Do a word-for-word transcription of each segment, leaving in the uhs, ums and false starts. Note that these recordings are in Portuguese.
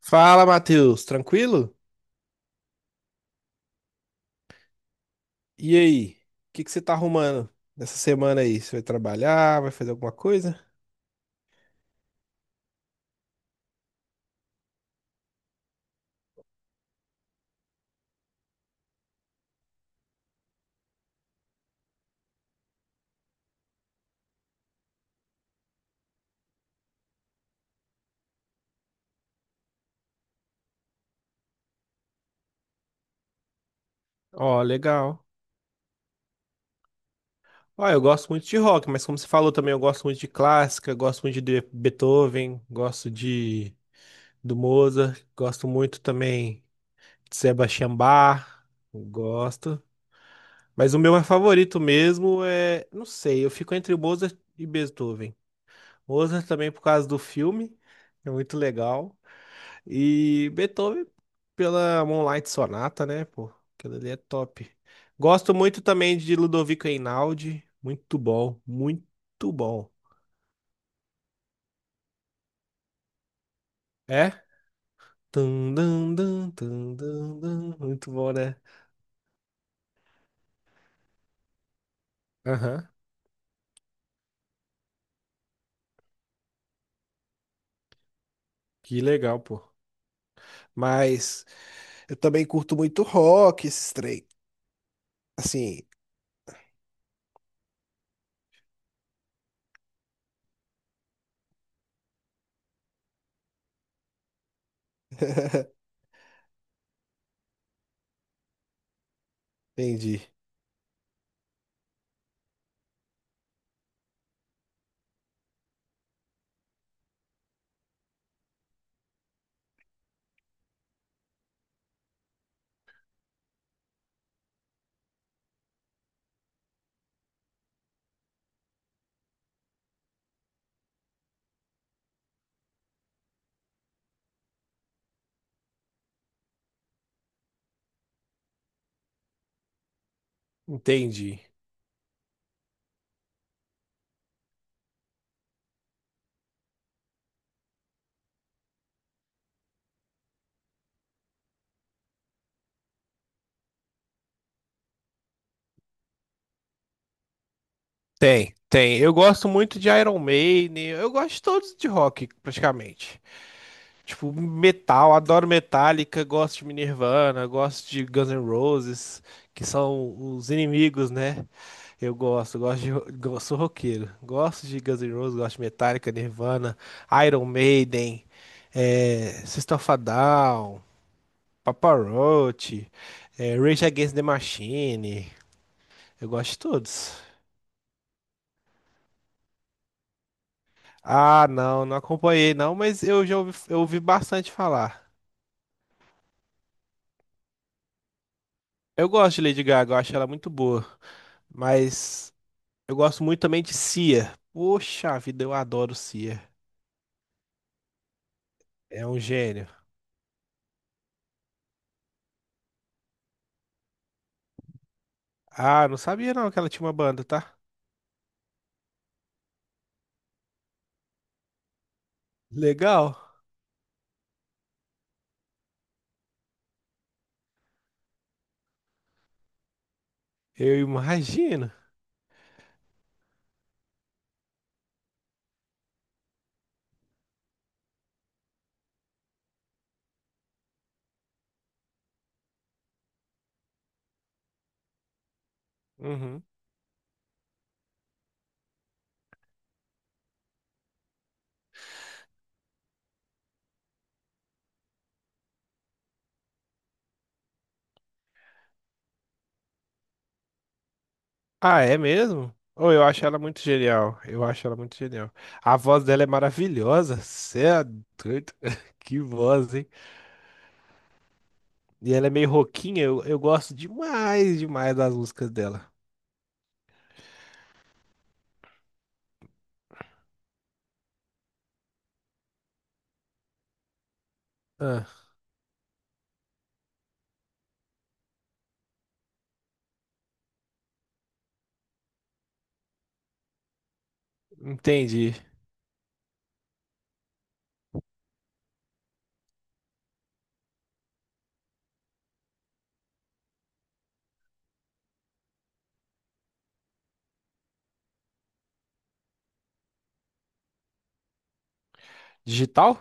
Fala, Matheus, tranquilo? E aí, o que que você tá arrumando nessa semana aí? Você vai trabalhar, vai fazer alguma coisa? Ó, legal. Ó, eu gosto muito de rock, mas como você falou também, eu gosto muito de clássica, gosto muito de Beethoven, gosto de do Mozart, gosto muito também de Sebastian Bach, gosto. Mas o meu favorito mesmo é, não sei, eu fico entre Mozart e Beethoven. Mozart também por causa do filme, é muito legal. E Beethoven pela Moonlight Sonata, né, pô? Aquilo ali é top. Gosto muito também de Ludovico Einaudi. Muito bom, muito bom. É? Tum, dum, dum, tum, dum, dum. Muito bom, né? Aham. Que legal, pô. Mas eu também curto muito rock, esses trem. Assim. Entendi. Entendi. Tem, tem. Eu gosto muito de Iron Maiden. Eu gosto de todos de rock, praticamente. Tipo, metal, adoro Metallica, gosto de Nirvana, gosto de Guns N' Roses, que são os inimigos, né? Eu gosto, gosto de, go- Sou roqueiro. Gosto de Guns N' Roses, gosto de Metallica, Nirvana, Iron Maiden, é, System of a Down, Papa Roach, é, Rage Against the Machine. Eu gosto de todos. Ah, não, não acompanhei não, mas eu já ouvi, eu ouvi bastante falar. Eu gosto de Lady Gaga, eu acho ela muito boa. Mas eu gosto muito também de Cia. Poxa vida, eu adoro Cia. É um gênio. Ah, não sabia não que ela tinha uma banda, tá? Legal. Eu imagino. Uhum. Ah, é mesmo? Oh, eu acho ela muito genial. Eu acho ela muito genial. A voz dela é maravilhosa. Cê é doido. Que voz, hein? E ela é meio roquinha. Eu, eu gosto demais, demais das músicas dela. Ah, entendi. Digital?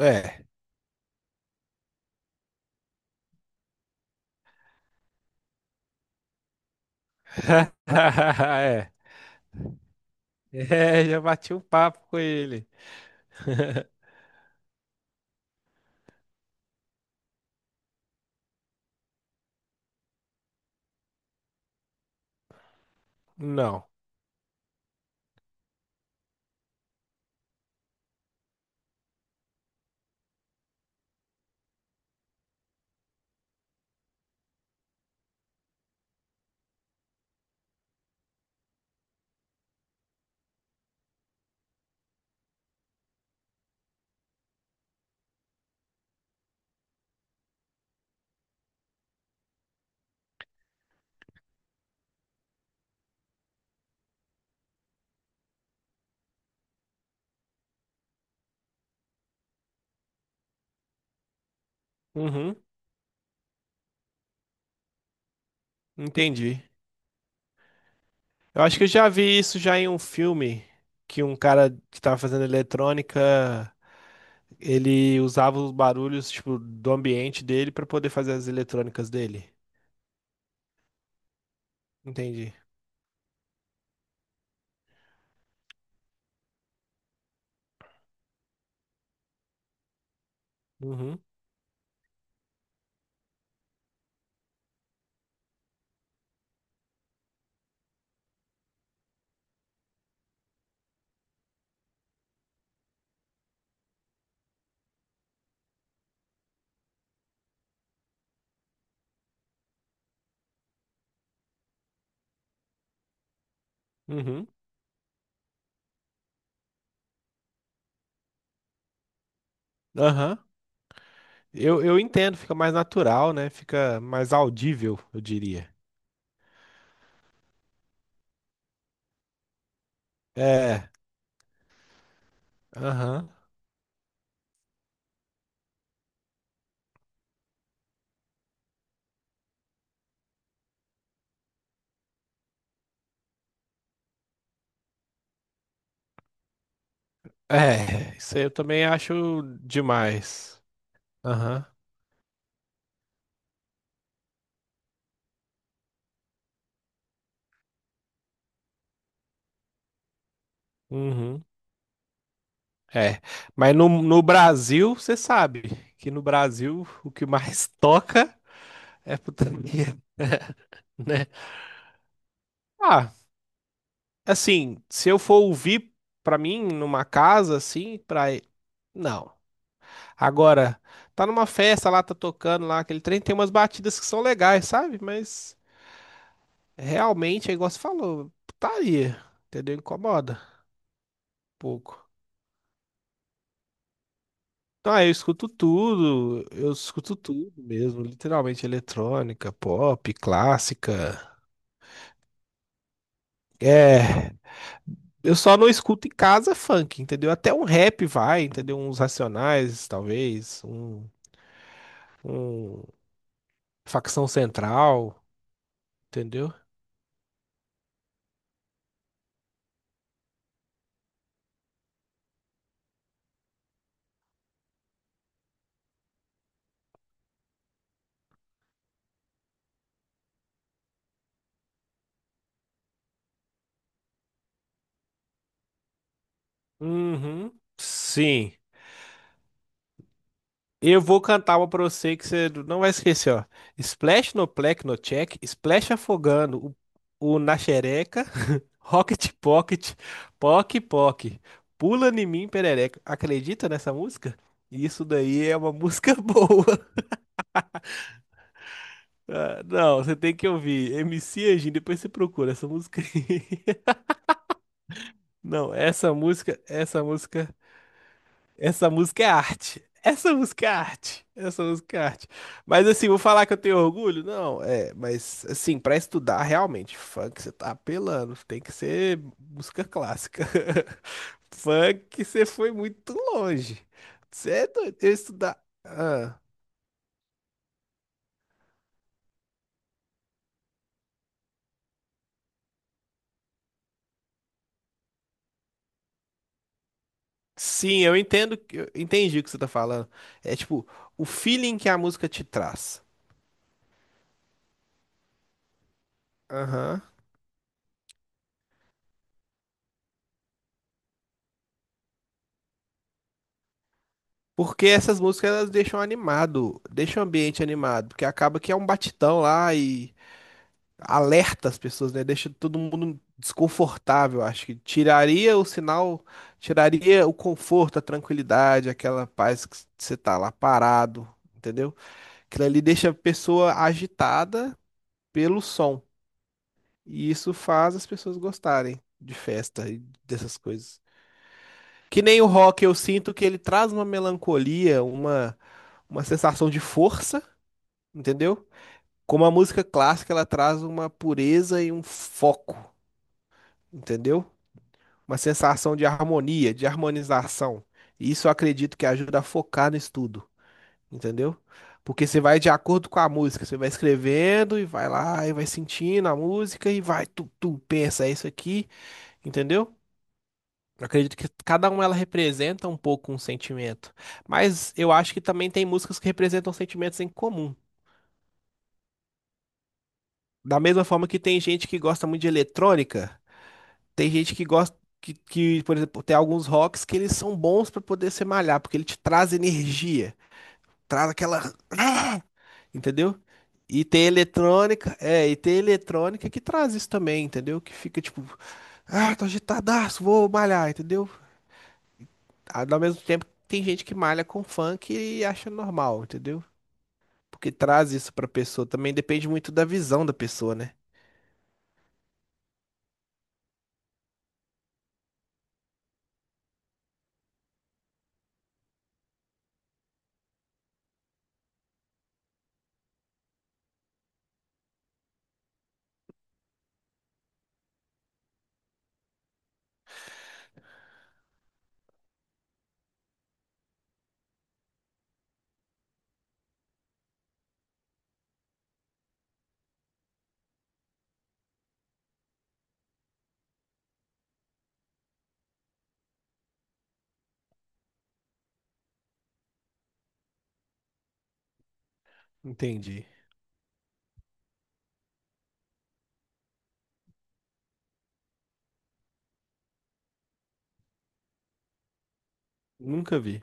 É, É. É, já bati um papo com ele. Não. Uhum, entendi. Eu acho que eu já vi isso já em um filme que um cara que tava fazendo eletrônica, ele usava os barulhos, tipo, do ambiente dele pra poder fazer as eletrônicas dele. Entendi. Uhum, uhum. Aham. Eu, eu entendo, fica mais natural, né? Fica mais audível, eu diria. É, aham. É, isso aí eu também acho demais. Aham. Uhum. É. Mas no, no Brasil, você sabe que no Brasil o que mais toca é putaria, né? Ah, assim, se eu for ouvir pra mim numa casa, assim, pra. Não. Agora, tá numa festa lá, tá tocando lá, aquele trem, tem umas batidas que são legais, sabe? Mas. Realmente, é igual você falou, putaria, entendeu? Incomoda um pouco. Então, aí eu escuto tudo, eu escuto tudo mesmo, literalmente eletrônica, pop, clássica. É, eu só não escuto em casa funk, entendeu? Até um rap vai, entendeu? Uns Racionais, talvez, um, um Facção Central, entendeu? Uhum, sim. Eu vou cantar uma pra você que você não vai esquecer, ó. Splash no plec no check, splash afogando o, o na xereca, rocket pocket, poc poc, pula em mim perereca. Acredita nessa música? Isso daí é uma música boa. Ah, não, você tem que ouvir. M C Anjinho, depois você procura essa música aí. Não, essa música, essa música. Essa música é arte. Essa música é arte. Essa música é arte. Mas assim, vou falar que eu tenho orgulho? Não, é, mas assim, pra estudar realmente, funk você tá apelando, tem que ser música clássica. Funk você foi muito longe. Você é doido, eu estudar. Ah, sim, eu entendo, que- eu entendi o que você tá falando. É tipo, o feeling que a música te traz. Aham. Porque essas músicas elas deixam animado, deixam o ambiente animado, porque acaba que é um batidão lá e alerta as pessoas, né? Deixa todo mundo desconfortável, acho que tiraria o sinal, tiraria o conforto, a tranquilidade, aquela paz que você tá lá parado, entendeu? Aquilo ali deixa a pessoa agitada pelo som, e isso faz as pessoas gostarem de festa e dessas coisas. Que nem o rock, eu sinto que ele traz uma melancolia, uma, uma sensação de força, entendeu? Como a música clássica, ela traz uma pureza e um foco, entendeu? Uma sensação de harmonia, de harmonização. E isso eu acredito que ajuda a focar no estudo, entendeu? Porque você vai de acordo com a música, você vai escrevendo e vai lá e vai sentindo a música e vai, tu, tu, pensa, é isso aqui, entendeu? Eu acredito que cada uma ela representa um pouco um sentimento. Mas eu acho que também tem músicas que representam sentimentos em comum. Da mesma forma que tem gente que gosta muito de eletrônica, tem gente que gosta que, que, por exemplo, tem alguns rocks que eles são bons pra poder se malhar, porque ele te traz energia, traz aquela, ah! entendeu? E tem eletrônica, é, e tem eletrônica que traz isso também, entendeu? Que fica tipo, ah, tô agitadaço, vou malhar, entendeu? Ao ao mesmo tempo, tem gente que malha com funk e acha normal, entendeu? Porque traz isso pra pessoa. Também depende muito da visão da pessoa, né? Entendi. Nunca vi.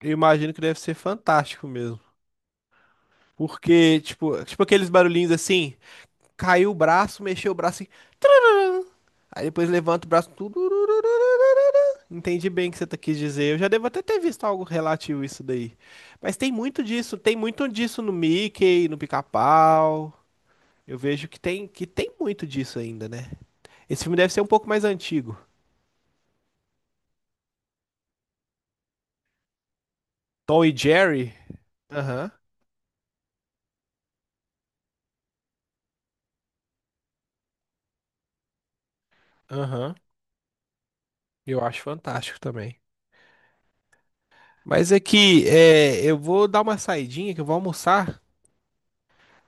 Eu imagino que deve ser fantástico mesmo. Porque, tipo, tipo, aqueles barulhinhos assim, caiu o braço, mexeu o braço, assim, aí depois levanta o braço, tudo. Entendi bem o que você tá- quis dizer. Eu já devo até ter visto algo relativo a isso daí. Mas tem muito disso, tem muito disso no Mickey, no Pica-Pau. Eu vejo que tem, que tem muito disso ainda, né? Esse filme deve ser um pouco mais antigo. Tom e Jerry? Aham, aham. Eu acho fantástico também. Mas é que é, eu vou dar uma saidinha, que eu vou almoçar.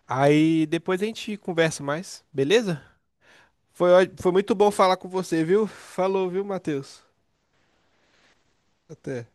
Aí depois a gente conversa mais, beleza? Foi, ó- foi muito bom falar com você, viu? Falou, viu, Matheus? Até.